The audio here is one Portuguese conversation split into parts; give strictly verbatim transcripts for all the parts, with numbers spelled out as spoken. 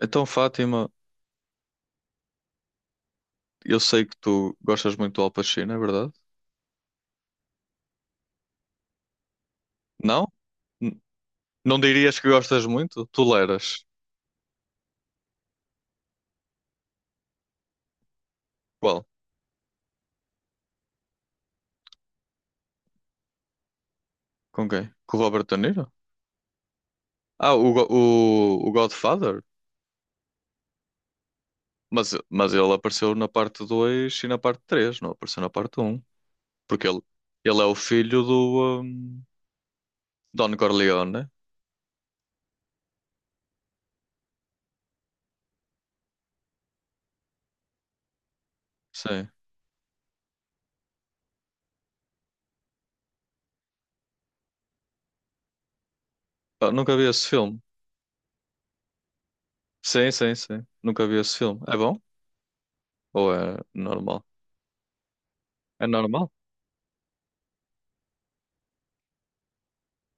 Então, Fátima, eu sei que tu gostas muito do Al Pacino, é verdade? Não? N- não dirias que gostas muito? Toleras? Qual? Com quem? Com o Robert De Niro? Ah, o, Go- o, o Godfather? Mas, mas ele apareceu na parte dois e na parte três, não apareceu na parte um. Porque ele, ele é o filho do hum, Don Corleone, né? Sim. Ah, nunca vi esse filme. Sim, sim, sim. Nunca vi esse filme. É bom? Ou é normal? É normal?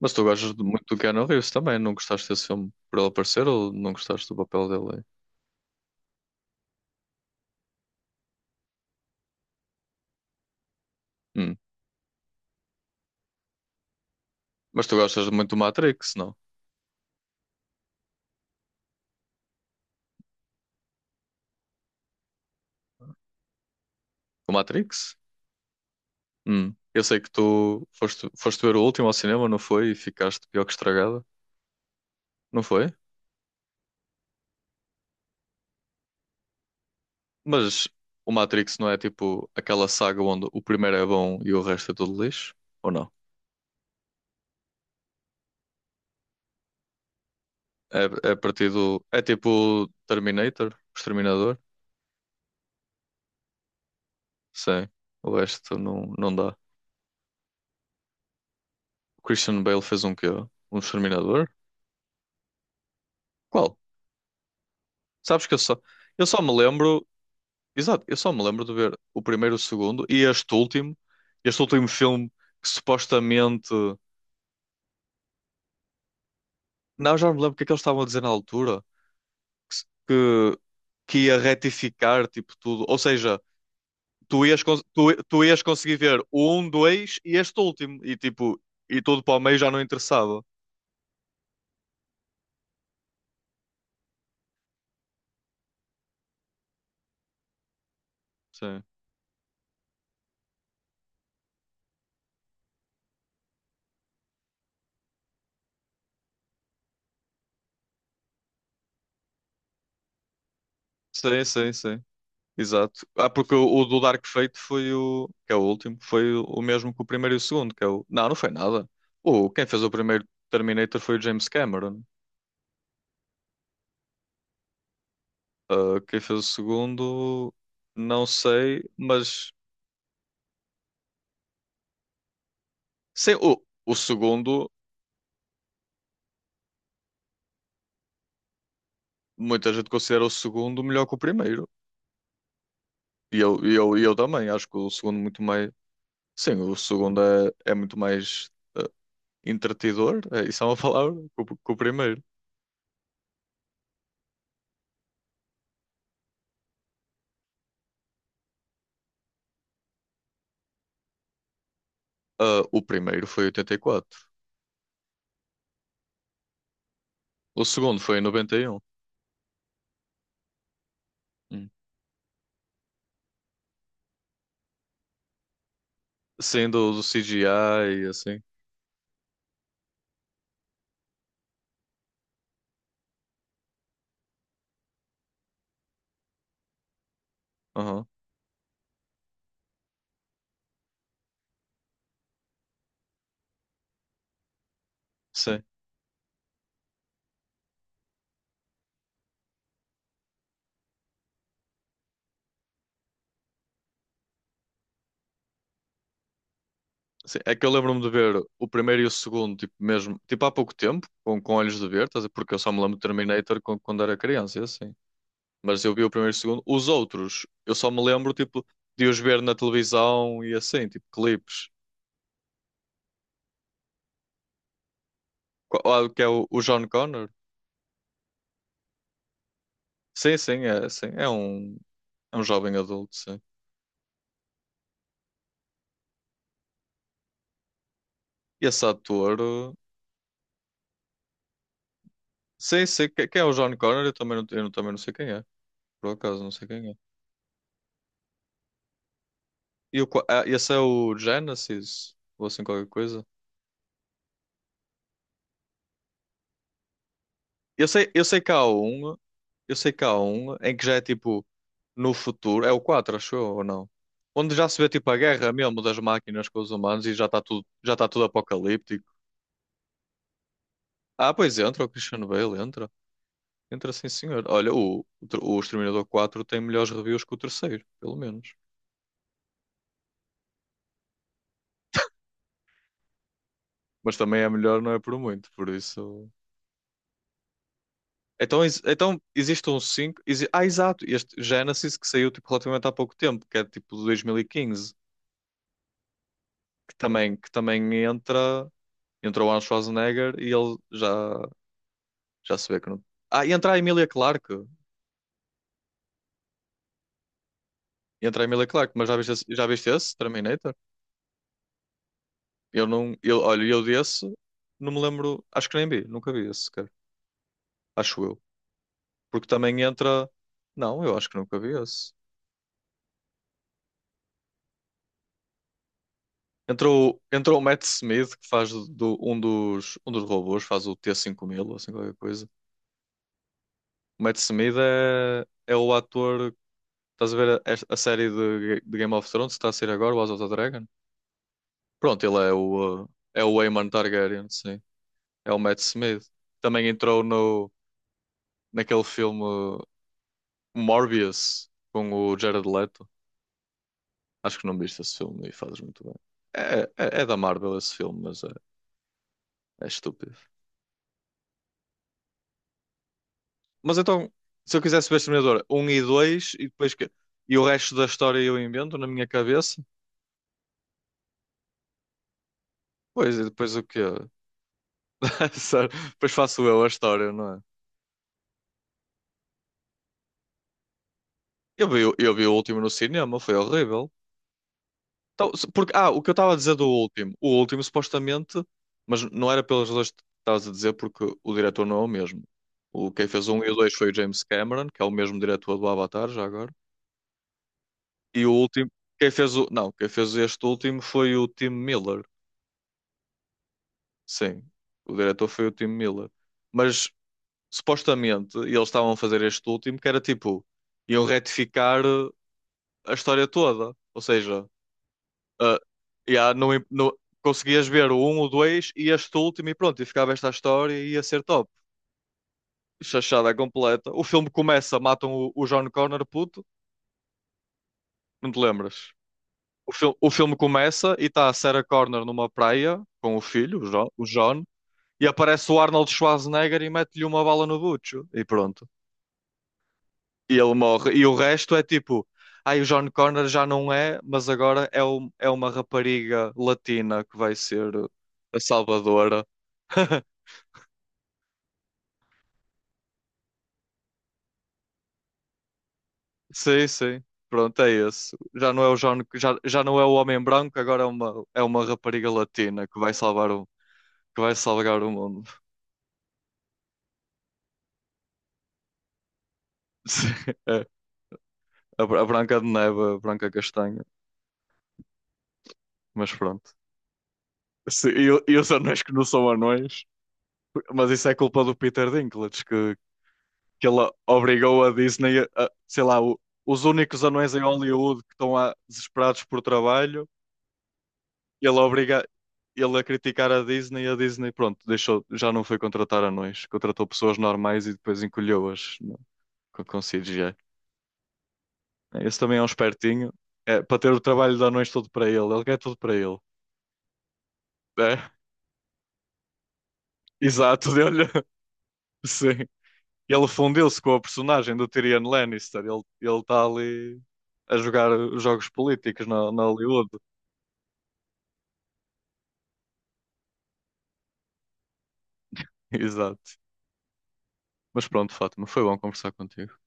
Mas tu gostas de- muito do Keanu Reeves também, não gostaste desse filme por ele aparecer ou não gostaste do papel dele? Aí? Hum. Mas tu gostas muito do Matrix, não? Do Matrix? Hum. Eu sei que tu foste, foste ver o último ao cinema, não foi? E ficaste pior que estragada, não foi? Mas o Matrix não é tipo aquela saga onde o primeiro é bom e o resto é tudo lixo? Ou não? É, é a partir do. É tipo Terminator, o Exterminador? Sim. O resto não, não dá. O Christian Bale fez um quê? Um Exterminador? Qual? Sabes que eu só, eu só me lembro, exato, eu só me lembro de ver o primeiro, o segundo e este último, este último filme que supostamente, não, já não me lembro o que é que eles estavam a dizer na altura, que, se- que, que ia retificar, tipo, tudo, ou seja, tu ias, cons- tu, tu ias conseguir ver o um, dois e este último, e tipo, e tudo para o meio já não interessava. Sim, sim, sim, sim. Exato. Ah, porque o, o do Dark Fate foi o. Que é o último, foi o, o mesmo que o primeiro e o segundo, que é o. Não, não foi nada. O, quem fez o primeiro Terminator foi o James Cameron. Ah, quem fez o segundo, não sei, mas sei, o, o segundo, muita gente considera o segundo melhor que o primeiro. E eu, e eu, e eu também, acho que o segundo muito mais. Sim, o segundo é, é muito mais ah, entretidor, é, isso é uma palavra, que o que o primeiro. Ah, o primeiro foi em oitenta e quatro. O segundo foi em noventa e um. Hum. Sim, do, do C G I e assim. Aham. Sim, sim. É que eu lembro-me de ver o primeiro e o segundo, tipo, mesmo, tipo, há pouco tempo, com, com olhos de ver, estás a ver? Porque eu só me lembro de Terminator quando, quando era criança, e assim. Mas eu vi o primeiro e o segundo. Os outros, eu só me lembro, tipo, de os ver na televisão e assim, tipo, clipes. Qual, ah, que é o, o John Connor? Sim, sim, é, sim. É um, é um jovem adulto, sim. E esse ator, uh, sim, sim. que- Quem é o John Connor? Eu também não, eu também não sei quem é. Por acaso, não sei quem é. E o, qua- ah, esse é o Genesis? Ou assim qualquer coisa? Eu sei, eu sei que há um, eu sei que há um em que já é tipo no futuro, é o quatro acho eu, ou não? Onde já se vê tipo a guerra mesmo das máquinas com os humanos e já está tudo, já está tudo apocalíptico. Ah, pois entra, o Christian Bale entra. Entra sim, senhor. Olha, o, o, tr- o Exterminador quatro tem melhores reviews que o terceiro, pelo menos. Mas também é melhor, não é por muito, por isso. Então, ex- então existe um cinco. Exi- ah, exato. Este Genesis que saiu tipo, relativamente há pouco tempo, que é tipo de dois mil e quinze, que também, que também entra. Entra o Arnold Schwarzenegger e ele já, já se vê que não. Ah, e entra a Emilia Clarke. Entra a Emilia Clarke, mas já viste esse, já viste esse Terminator? Eu não. Eu, olha, eu desse não me lembro. Acho que nem vi, nunca vi esse sequer. Acho eu. Porque também entra. Não, eu acho que nunca vi esse. Entrou, entrou o Matt Smith, que faz do, um dos, um dos robôs, faz o T cinco mil, ou assim qualquer coisa. O Matt Smith é, é o ator. Estás a ver a, a série de, de Game of Thrones que está a sair agora, o House of the Dragon? Pronto, ele é o, uh, é o Aemon Targaryen, sim. É o Matt Smith. Também entrou no, naquele filme uh, Morbius, com o Jared Leto. Acho que não viste esse filme e fazes muito bem. É, é, é da Marvel esse filme, mas é, é estúpido. Mas então, se eu quisesse ver Exterminador um e dois e depois que. E o resto da história eu invento na minha cabeça? Pois, e depois o quê? Sério, depois faço eu a história, não é? Eu vi, o- eu vi o último no cinema, foi horrível. Então, se- porque, ah, o que eu estava a dizer do último. O último, supostamente, mas não era pelas razões que estavas a dizer, porque o diretor não é o mesmo. O, quem fez o um e o dois foi o James Cameron, que é o mesmo diretor do Avatar, já agora. E o último, quem fez o. Não, quem fez este último foi o Tim Miller. Sim, o diretor foi o Tim Miller. Mas supostamente eles estavam a fazer este último que era tipo, iam retificar eh, a história toda. Ou seja, ah, já não, im- não- conseguias ver o um o dois e este último e pronto, e ficava esta história e ia ser top. Chachada completa. O filme começa, matam o, o John Connor, puto, não te lembras? O, fil- o filme começa e está a Sarah Connor numa praia com o filho, o Jo- o John, e aparece o Arnold Schwarzenegger e mete-lhe uma bala no bucho. E pronto. E ele morre. E o resto é tipo, ai, o John Connor já não é, mas agora é, um- é uma rapariga latina que vai ser a salvadora. Sim, sim. Pronto, é esse. Já não é o John, já, já não é o homem branco, agora é uma, é uma rapariga latina que vai salvar o, que vai salvar o mundo. Sim, é. A, Bra- a Branca de Neve, a Branca Castanha. Mas pronto. Sim, e, o- e os anões que não são anões, mas isso é culpa do Peter Dinklage, que que ele obrigou a Disney a, sei lá, o- os únicos anões em Hollywood que estão lá desesperados por trabalho, ele obriga ele a criticar a Disney e a Disney, pronto, deixou, já não foi contratar anões, contratou pessoas normais e depois encolheu-as no- com, com C G I. Esse também é um espertinho, é, para ter o trabalho de anões todo para ele, ele quer tudo para ele. É, exato, deu-lhe, sim. Ele fundiu-se com a personagem do Tyrion Lannister, ele ele está ali a jogar jogos políticos na, na Hollywood. Exato. Mas pronto, Fátima, foi bom conversar contigo.